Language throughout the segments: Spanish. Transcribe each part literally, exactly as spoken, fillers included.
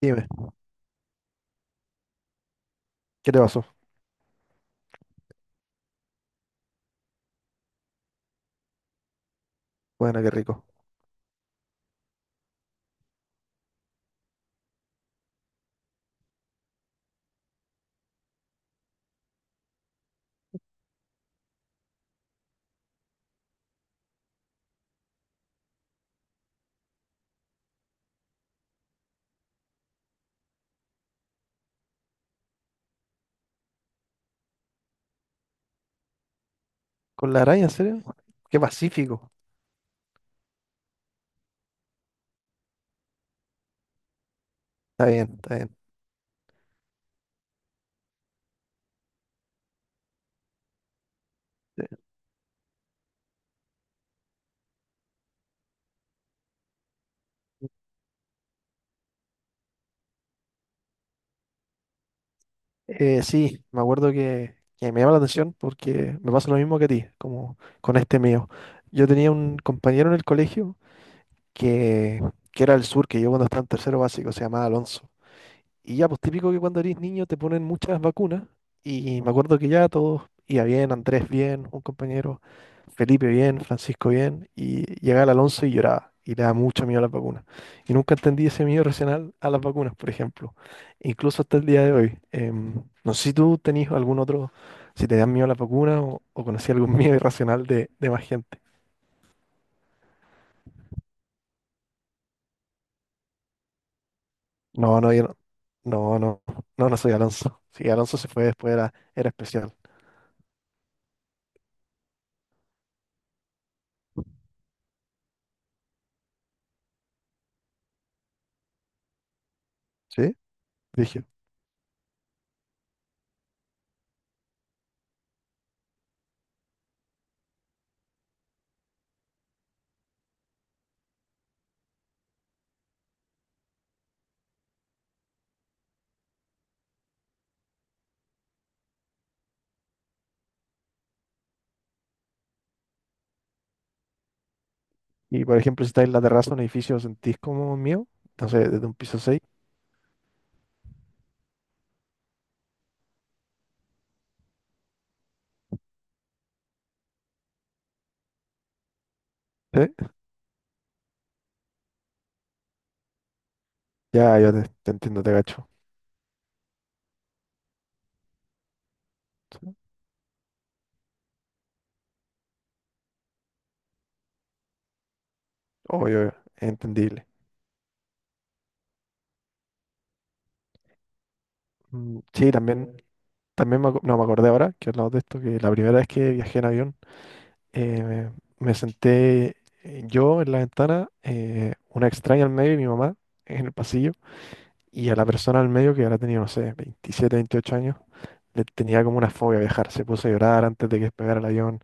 Dime, ¿qué te pasó? Bueno, qué rico. ¿Con la araña, en serio? Qué pacífico. Está bien, está bien. Eh, sí, me acuerdo que, que me llama la atención porque me pasa lo mismo que a ti, como con este mío. Yo tenía un compañero en el colegio que, que era del sur, que yo cuando estaba en tercero básico, se llamaba Alonso. Y ya, pues típico que cuando eres niño te ponen muchas vacunas. Y me acuerdo que ya todos iba bien, Andrés bien, un compañero, Felipe bien, Francisco bien. Y llegaba el Alonso y lloraba. Y le da mucho miedo a las vacunas. Y nunca entendí ese miedo racional a las vacunas, por ejemplo. Incluso hasta el día de hoy. Em, no sé si tú tenías algún otro, si te dan miedo a las vacunas o, o conocías algún miedo irracional de, de más gente. No, no, yo no. No, no, no, no soy Alonso. Sí, Alonso se fue después, era, era especial. ¿Sí? Dije. Y por ejemplo, si estáis en la terraza de un edificio, sentís como mío, no sé, desde un piso seis. ¿Sí? Ya, yo te, te entiendo, te gacho. Sí. Obvio, es entendible. Mm, Sí, también, también me, acu- no, me acordé ahora que hablamos de esto, que la primera vez que viajé en avión, eh, me, me senté eh, yo en la ventana, eh, una extraña al medio y mi mamá en el pasillo, y a la persona al medio que ahora tenía, no sé, veintisiete, veintiocho años, le tenía como una fobia a viajar, se puso a llorar antes de que despegara el avión.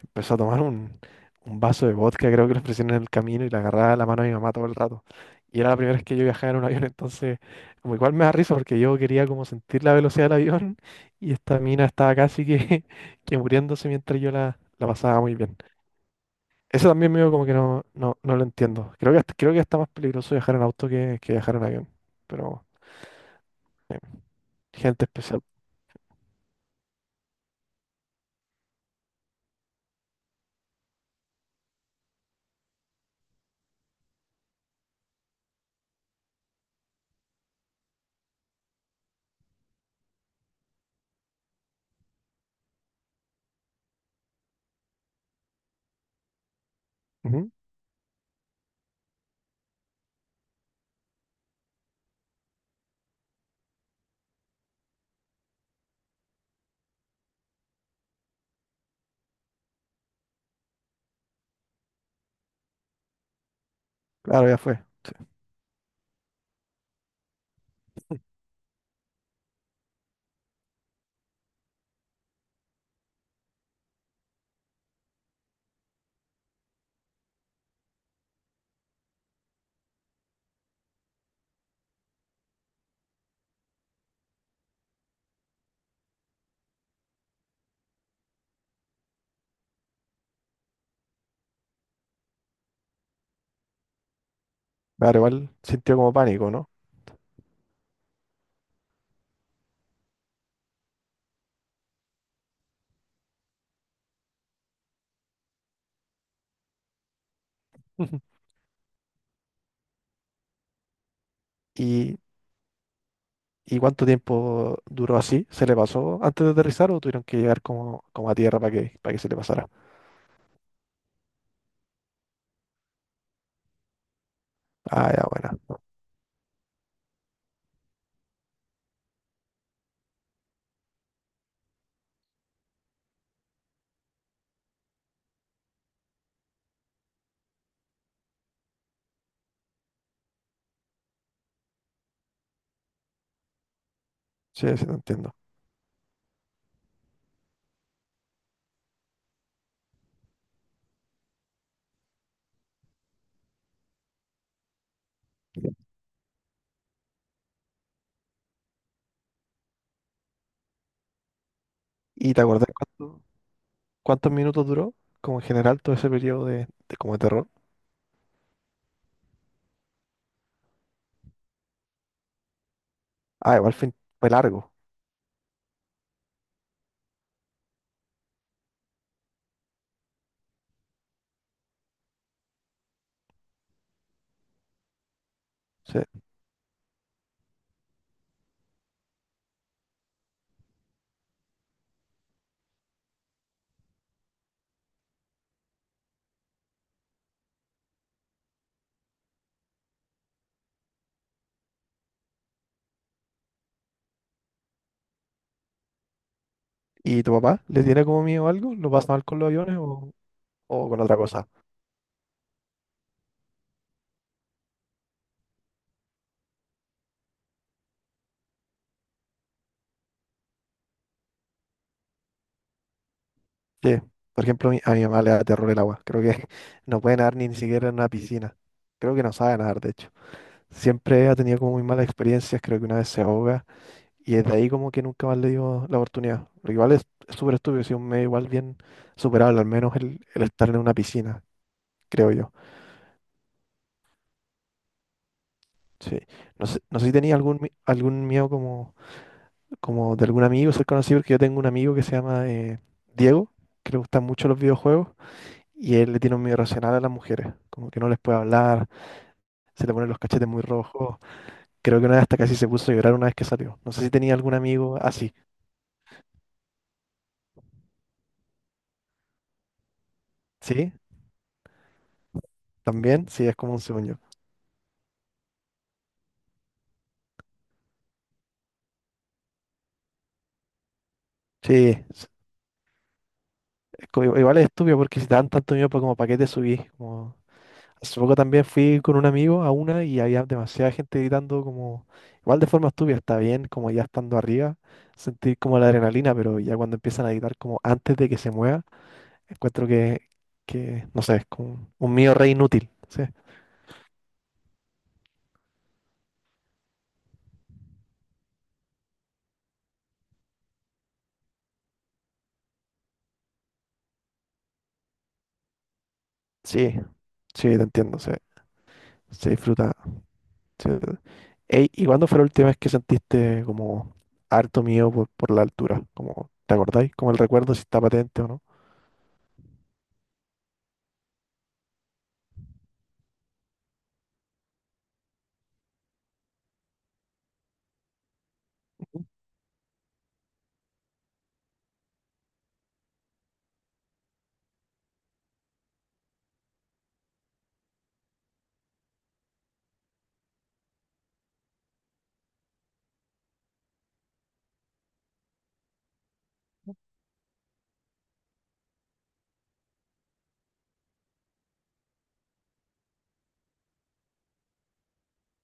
Empezó a tomar un, un vaso de vodka, creo que lo ofrecieron en el camino y le agarraba la mano a mi mamá todo el rato. Y era la primera vez que yo viajaba en un avión, entonces, como igual me da risa porque yo quería como sentir la velocidad del avión y esta mina estaba casi que, que muriéndose mientras yo la, la pasaba muy bien. Eso también medio como que no, no, no lo entiendo. Creo que, hasta- creo que está más peligroso viajar en auto que, que viajar en avión, pero eh, gente especial. Ujú. Claro, ya fue. Claro, igual sintió como pánico, ¿no? Y ¿y cuánto tiempo duró así? ¿Se le pasó antes de aterrizar o tuvieron que llegar como, como a tierra para que, para que se le pasara? Ah, ya, bueno. Sí, sí, te entiendo. Ya. ¿Y te acordás cuánto- cuántos minutos duró? Como en general todo ese periodo de, de como de terror. Ah, igual fue, fue largo. Sí. ¿Y tu papá le tiene como miedo a algo? ¿Lo pasa mal con los aviones o, o con otra cosa? Sí. Por ejemplo, a mi, a mi mamá le da terror el agua. Creo que no puede nadar ni, ni siquiera en una piscina. Creo que no sabe nadar, de hecho. Siempre ha tenido como muy malas experiencias. Creo que una vez se ahoga. Y desde ahí como que nunca más le dio la oportunidad. Lo que igual es es súper estúpido, si un medio igual bien superable, al menos el, el estar en una piscina, creo yo. Sí. No sé, no sé si tenía algún, mi- algún miedo como, como de algún amigo ser conocido, porque yo tengo un amigo que se llama eh, Diego, que le gustan mucho los videojuegos, y él le tiene un miedo irracional a las mujeres, como que no les puede hablar, se le ponen los cachetes muy rojos. Creo que una vez hasta casi se puso a llorar una vez que salió. No sé si tenía algún amigo así. ¿Sí? ¿También? Sí, es como un sueño. Sí, co- Igual es estúpido porque si te dan tanto miedo, pues como para qué te subís. Como... Hace poco también fui con un amigo a una y había demasiada gente gritando como, igual de forma estúpida, está bien, como ya estando arriba, sentir como la adrenalina, pero ya cuando empiezan a gritar como antes de que se mueva, encuentro que, que no sé, es como un miedo re inútil. Sí, sí, sí, te entiendo, sí, se disfruta. Sí. Ey, ¿y cuándo fue la última vez que sentiste como harto miedo por, por la altura? Como, ¿te acordáis? Como el recuerdo si está patente o no.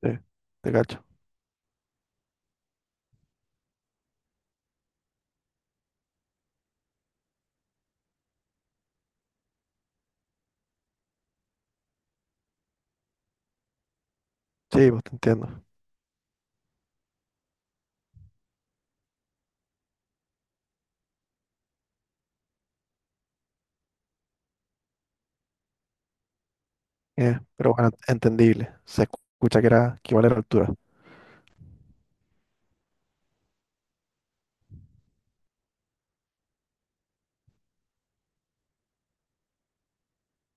Sí, te cacho. Sí, pues te entiendo. Eh, pero bueno, entendible. Se escucha que era que igual era altura.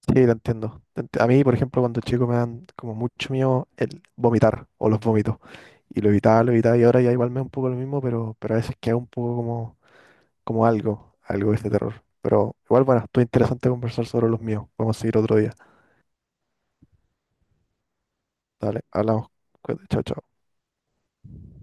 Sí, te entiendo. Te ent- A mí, por ejemplo, cuando chico me dan como mucho miedo el vomitar o los vómitos. Y lo evitaba, lo evitaba y ahora ya igual me da un poco lo mismo, pero, pero a veces queda un poco como, como algo, algo de este terror. Pero igual, bueno, estuvo interesante conversar sobre los míos. Podemos seguir otro día. Dale, hablamos. Cuídate, chao, chao.